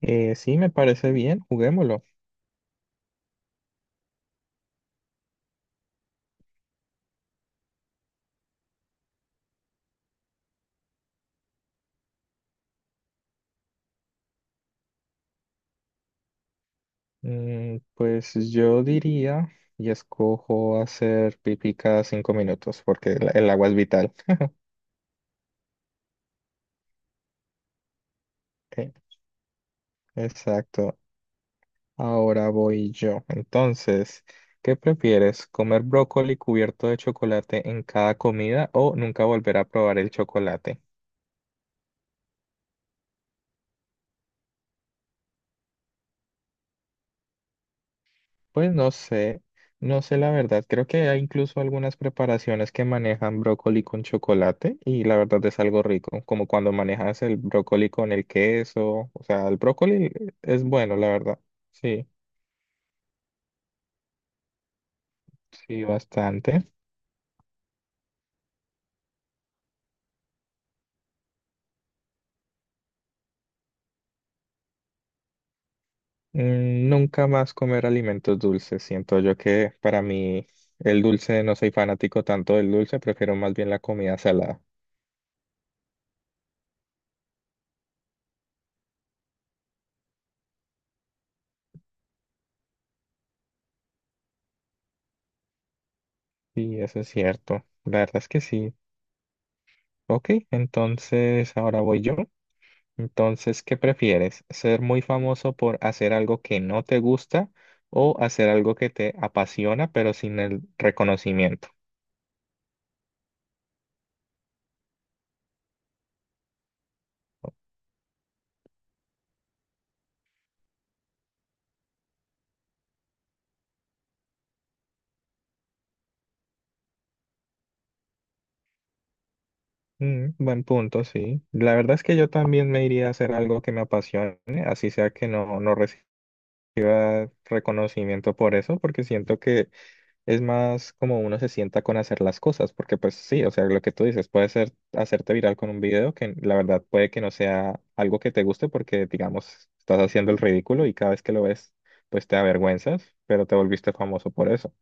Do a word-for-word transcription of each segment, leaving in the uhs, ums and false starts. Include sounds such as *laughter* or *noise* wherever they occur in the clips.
Eh, sí, me parece bien, juguémoslo. Mm, pues yo diría y escojo hacer pipí cada cinco minutos porque el, el agua es vital. *laughs* Eh, Exacto. Ahora voy yo. Entonces, ¿qué prefieres? ¿Comer brócoli cubierto de chocolate en cada comida o nunca volver a probar el chocolate? Pues no sé, no sé la verdad. Creo que hay incluso algunas preparaciones que manejan brócoli con chocolate y la verdad es algo rico, como cuando manejas el brócoli con el queso. O sea, el brócoli es bueno, la verdad. Sí, sí, bastante. Mm, Nunca más comer alimentos dulces. Siento yo que para mí el dulce, no soy fanático tanto del dulce, prefiero más bien la comida salada. Sí, eso es cierto. La verdad es que sí. Ok, entonces ahora voy yo. Entonces, ¿qué prefieres? ¿Ser muy famoso por hacer algo que no te gusta o hacer algo que te apasiona pero sin el reconocimiento? Mm, buen punto, sí. La verdad es que yo también me iría a hacer algo que me apasione, así sea que no, no reciba reconocimiento por eso, porque siento que es más como uno se sienta con hacer las cosas, porque pues sí, o sea, lo que tú dices, puede ser hacerte viral con un video que la verdad puede que no sea algo que te guste porque, digamos, estás haciendo el ridículo y cada vez que lo ves, pues te avergüenzas, pero te volviste famoso por eso.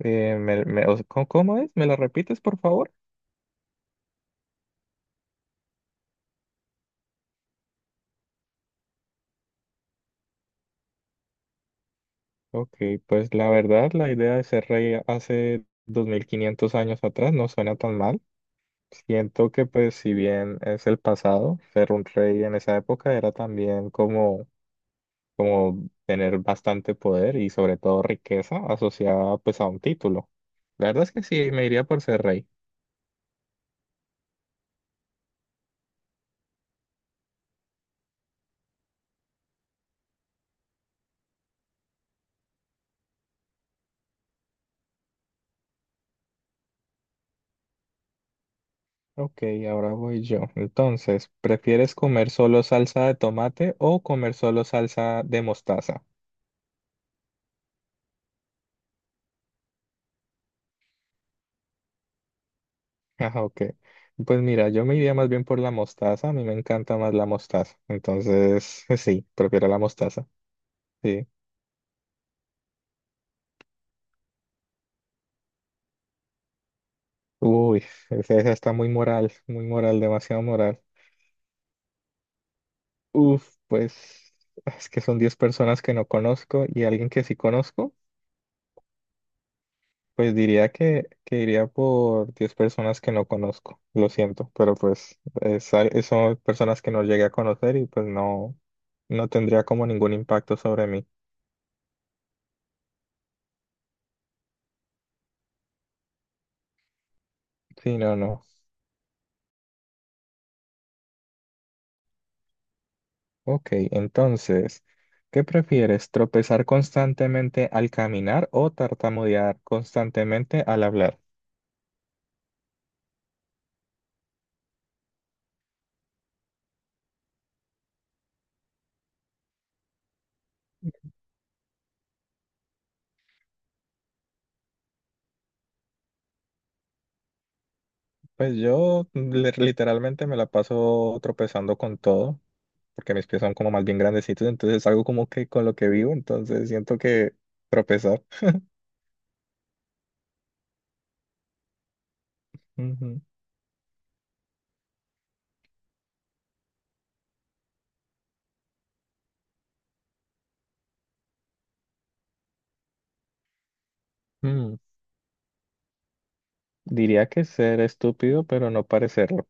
Eh, me- me- o- ¿cómo cómo es? ¿Me lo repites, por favor? Ok, pues la verdad, la idea de ser rey hace dos mil quinientos años atrás no suena tan mal. Siento que pues si bien es el pasado, ser un rey en esa época era también como como tener bastante poder y sobre todo riqueza asociada pues a un título. La verdad es que sí, me iría por ser rey. Ok, ahora voy yo. Entonces, ¿prefieres comer solo salsa de tomate o comer solo salsa de mostaza? *laughs* Ah, ok. Pues mira, yo me iría más bien por la mostaza. A mí me encanta más la mostaza. Entonces, *laughs* sí, prefiero la mostaza. Sí. Uy, esa esa está muy moral, muy moral, demasiado moral. Uf, pues es que son diez personas que no conozco y alguien que sí conozco, pues diría que, que iría por diez personas que no conozco. Lo siento, pero pues es al- son personas que no llegué a conocer y pues no, no tendría como ningún impacto sobre mí. Sí, no, no. Ok, entonces, ¿qué prefieres? ¿Tropezar constantemente al caminar o tartamudear constantemente al hablar? Pues yo li- literalmente me la paso tropezando con todo. Porque mis pies son como más bien grandecitos, entonces es algo como que con lo que vivo, entonces siento que tropezar. Ujú. Mm, Diría que ser estúpido, pero no parecerlo.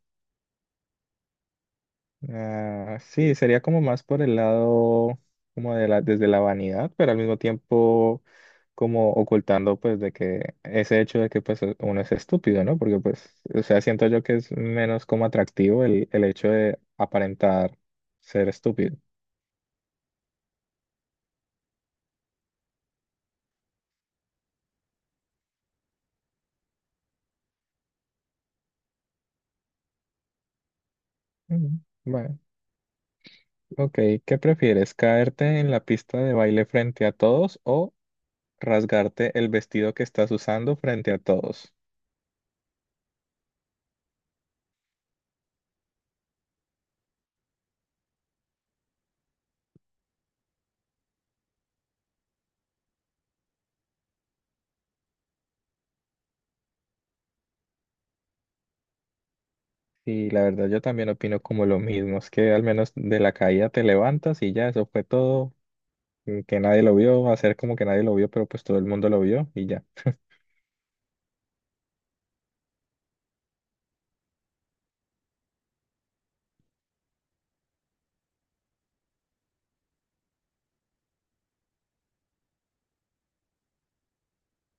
Ah, sí, sería como más por el lado, como de la, desde la vanidad, pero al mismo tiempo como ocultando pues de que ese hecho de que pues e, uno es estúpido, ¿no? Porque pues, o sea, siento yo que es menos como atractivo el, el hecho de aparentar ser estúpido. Mm, Bueno. Ok, ¿qué prefieres? ¿Caerte en la pista de baile frente a todos o rasgarte el vestido que estás usando frente a todos? Y la verdad yo también opino como lo mismo, es que al menos de la caída te levantas y ya, eso fue todo, y que nadie lo vio, hacer como que nadie lo vio, pero pues todo el mundo lo vio y ya.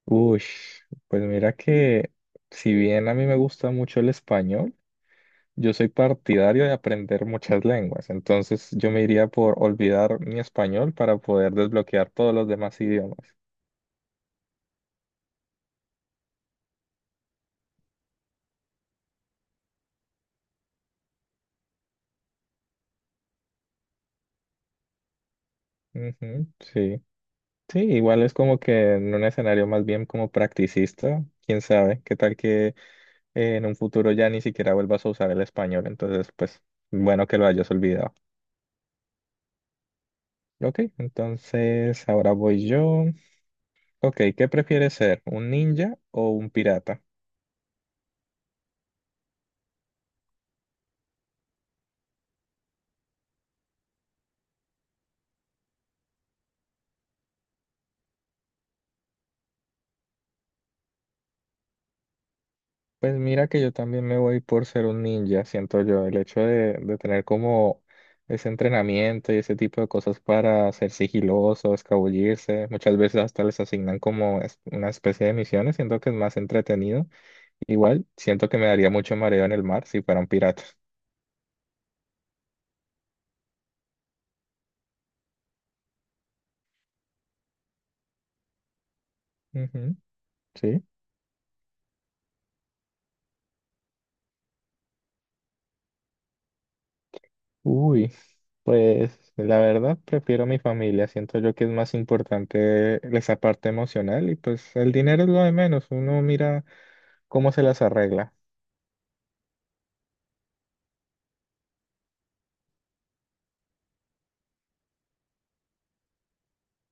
Uy, pues mira que si bien a mí me gusta mucho el español. Yo soy partidario de aprender muchas lenguas, entonces yo me iría por olvidar mi español para poder desbloquear todos los demás idiomas. Ujú, sí. Sí, igual es como que en un escenario más bien como practicista, quién sabe, qué tal que eh, en un futuro ya ni siquiera vuelvas a usar el español, entonces pues bueno que lo hayas olvidado. Ok, entonces ahora voy yo. Ok, ¿qué prefieres ser, un ninja o un pirata? Pues mira que yo también me voy por ser un ninja, siento yo. El hecho de, de tener como ese entrenamiento y ese tipo de cosas para ser sigiloso, escabullirse, muchas veces hasta les asignan como es- una especie de misiones, siento que es más entretenido. Igual, siento que me daría mucho mareo en el mar si fuera un pirata. Ujú, sí. Uy, pues la verdad prefiero mi familia, siento yo que es más importante esa parte emocional y pues el dinero es lo de menos, uno mira cómo se las arregla.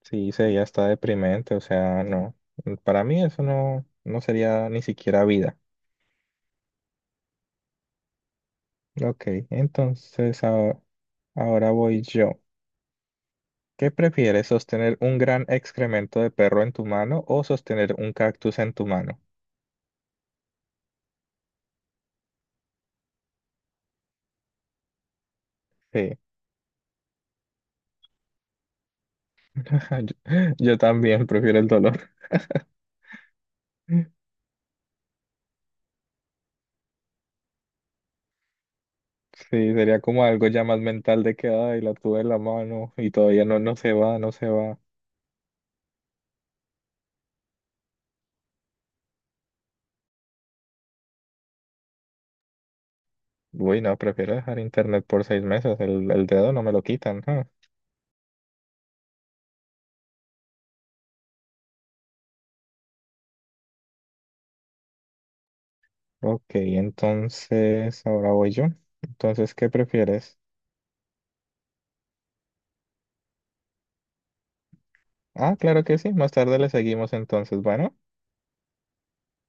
Sí, sería hasta deprimente, o sea, no. Para mí eso no, no sería ni siquiera vida. Ok, entonces ahora, ahora voy yo. ¿Qué prefieres, sostener un gran excremento de perro en tu mano o sostener un cactus en tu mano? Sí, *laughs* yo, yo también prefiero el dolor. *laughs* Sí, sería como algo ya más mental de que, ay, la tuve en la mano y todavía no, no se va, no se va. Uy, no, prefiero dejar internet por seis meses, el, el dedo no me lo quitan. Ok, entonces ahora voy yo. Entonces, ¿qué prefieres? Ah, claro que sí. Más tarde le seguimos entonces. Bueno.